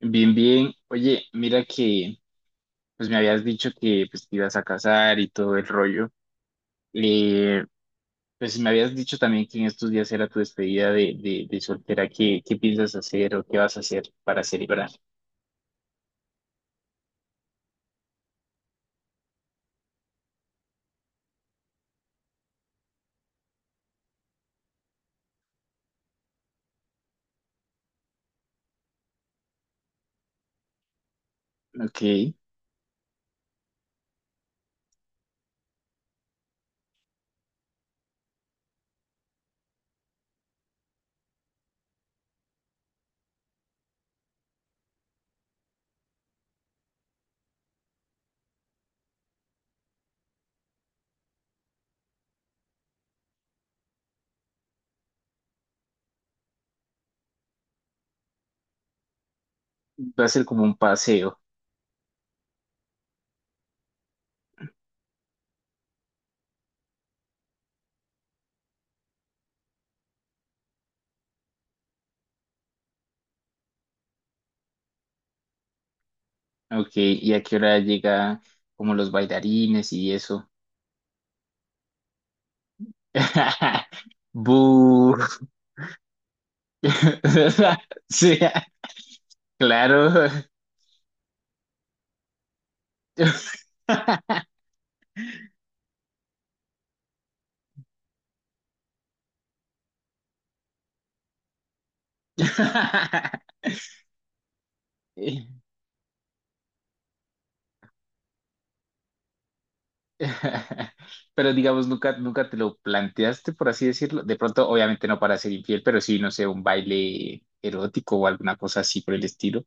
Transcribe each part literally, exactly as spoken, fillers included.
Bien, bien. Oye, mira que pues me habías dicho que pues te ibas a casar y todo el rollo. Eh, pues me habías dicho también que en estos días era tu despedida de, de, de soltera. ¿Qué, qué piensas hacer o qué vas a hacer para celebrar? Ok, va a ser como un paseo. Ok, ¿y a qué hora llega como los bailarines y eso? ¡Bú! Sí, claro. Pero digamos, nunca, nunca te lo planteaste, por así decirlo. De pronto, obviamente no para ser infiel, pero sí, no sé, un baile erótico o alguna cosa así por el estilo.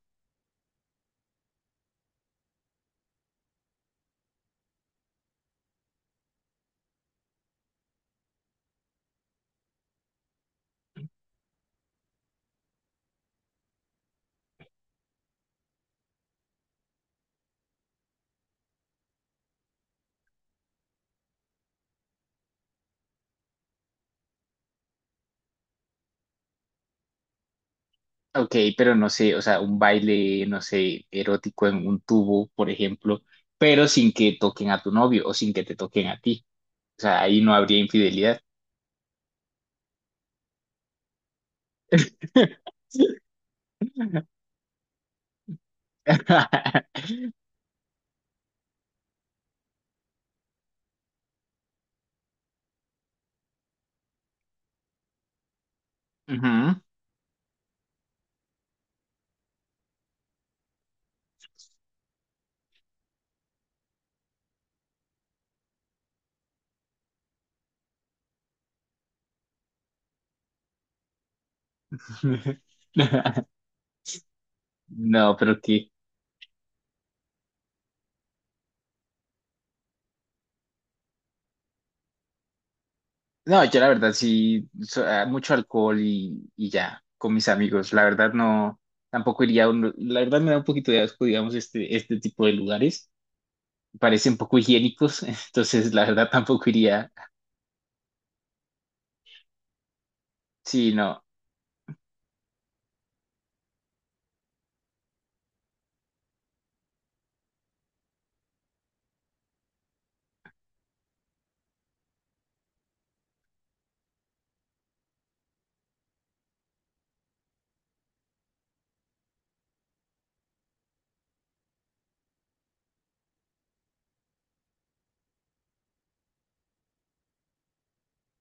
Ok, pero no sé, o sea, un baile, no sé, erótico en un tubo, por ejemplo, pero sin que toquen a tu novio o sin que te toquen a ti. O sea, ahí no habría infidelidad. Ujú. No, pero qué. No, yo la verdad sí, so- ah, mucho alcohol y, y ya, con mis amigos. La verdad no, tampoco iría a un, la verdad me da un poquito de asco, digamos, este, este tipo de lugares. Parecen poco higiénicos, entonces la verdad tampoco iría. Sí, no,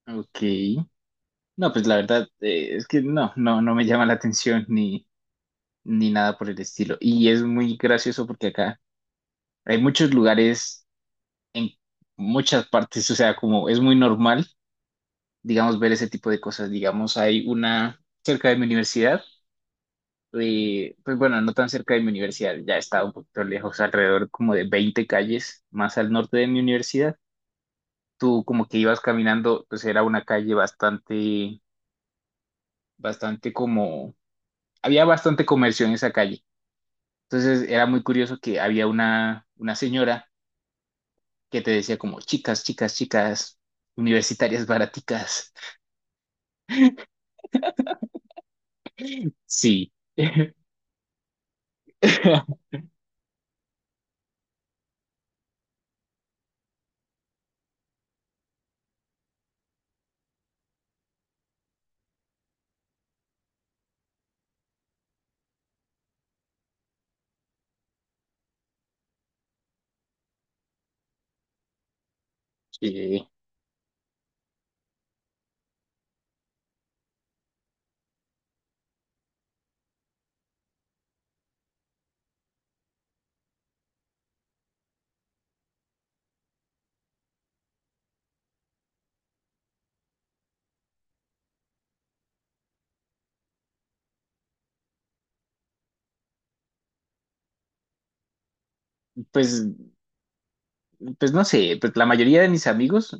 ok. No, pues la verdad eh, es que no, no, no me llama la atención ni, ni nada por el estilo. Y es muy gracioso porque acá hay muchos lugares en muchas partes, o sea, como es muy normal digamos, ver ese tipo de cosas. Digamos, hay una cerca de mi universidad, eh, pues bueno, no tan cerca de mi universidad, ya está un poquito lejos, alrededor como de veinte calles más al norte de mi universidad. Tú como que ibas caminando, pues era una calle bastante, bastante como, había bastante comercio en esa calle. Entonces era muy curioso que había una, una señora que te decía como, chicas, chicas, chicas, universitarias baraticas. Sí. Eh, pues pues no sé, pues la mayoría de mis amigos,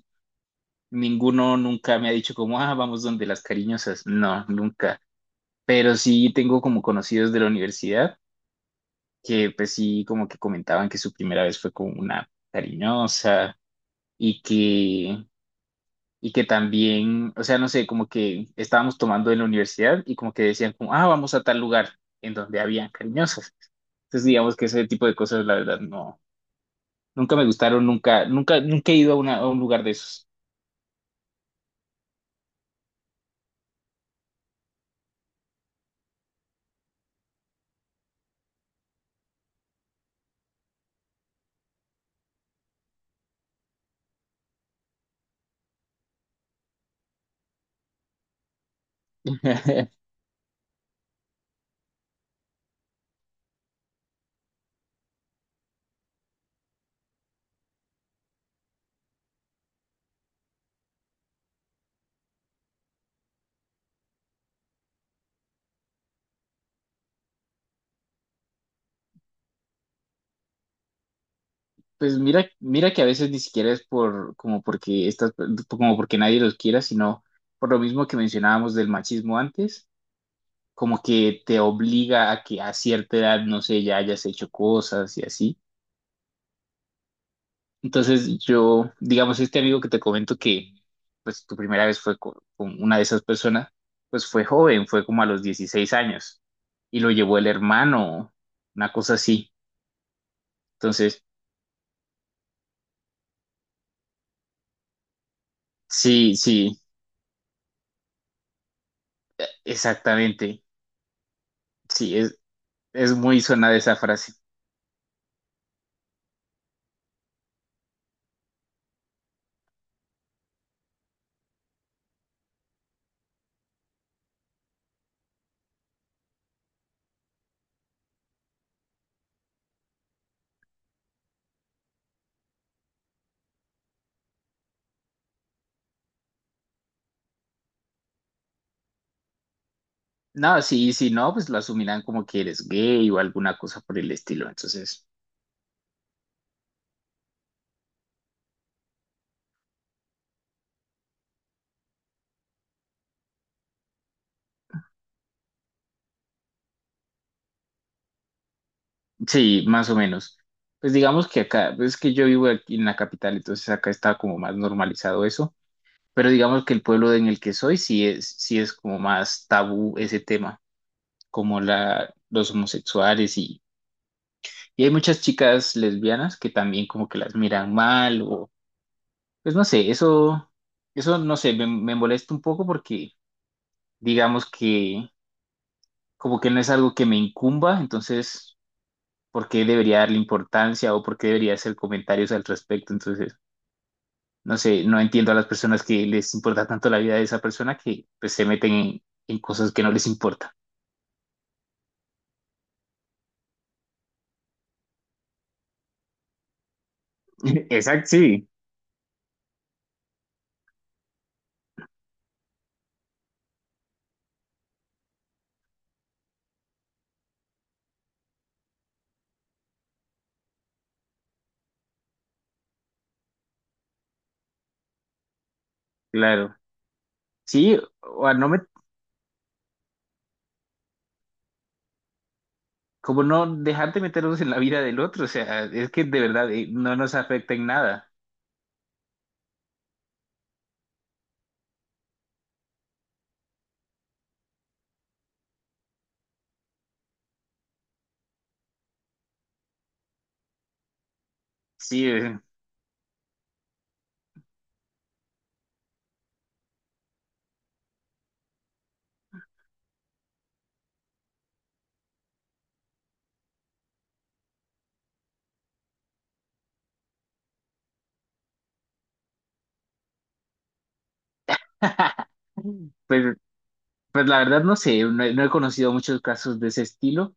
ninguno nunca me ha dicho como, ah, vamos donde las cariñosas. No, nunca. Pero sí tengo como conocidos de la universidad que pues sí como que comentaban que su primera vez fue con una cariñosa y que, y que también, o sea, no sé, como que estábamos tomando en la universidad y como que decían como, ah, vamos a tal lugar en donde había cariñosas. Entonces digamos que ese tipo de cosas la verdad no, nunca me gustaron, nunca, nunca, nunca he ido a, una- a un lugar de esos. Pues mira, mira que a veces ni siquiera es por como porque estas, como porque nadie los quiera, sino por lo mismo que mencionábamos del machismo antes, como que te obliga a que a cierta edad, no sé, ya hayas hecho cosas y así. Entonces yo, digamos, este amigo que te comento que pues tu primera vez fue co- con, una de esas personas, pues fue joven, fue como a los dieciséis años y lo llevó el hermano, una cosa así. Entonces, sí, sí, exactamente. Sí, es muy sonada esa frase. No, sí, sí, no, pues lo asumirán como que eres gay o alguna cosa por el estilo. Entonces, sí, más o menos. Pues digamos que acá, pues es que yo vivo aquí en la capital, entonces acá está como más normalizado eso. Pero digamos que el pueblo en el que soy sí es, sí es como más tabú ese tema, como la, los homosexuales y, y hay muchas chicas lesbianas que también como que las miran mal o, pues no sé, eso, eso no sé, me, me molesta un poco porque digamos que como que no es algo que me incumba, entonces, ¿por qué debería darle importancia o por qué debería hacer comentarios al respecto? Entonces, no sé, no entiendo a las personas que les importa tanto la vida de esa persona que pues, se meten en, en cosas que no les importan. Exacto, sí. Claro. Sí, o a no me, como no dejar de meternos en la vida del otro, o sea, es que de verdad eh, no nos afecta en nada. Sí, eh, pues, pues la verdad no sé, no, he no he conocido muchos casos de ese estilo.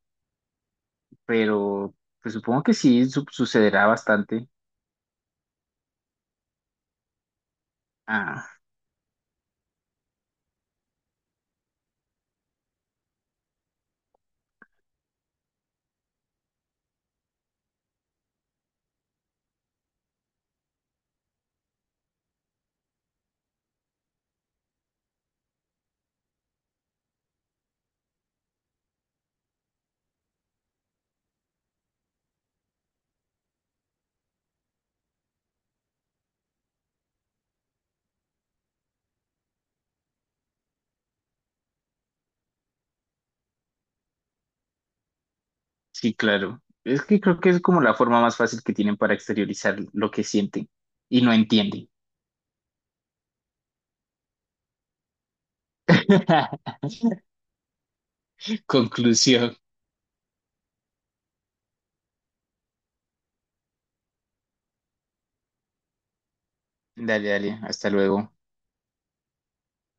Pero pues supongo que sí su- sucederá bastante. Ah, sí, claro. Es que creo que es como la forma más fácil que tienen para exteriorizar lo que sienten y no entienden. Conclusión. Dale, dale, hasta luego.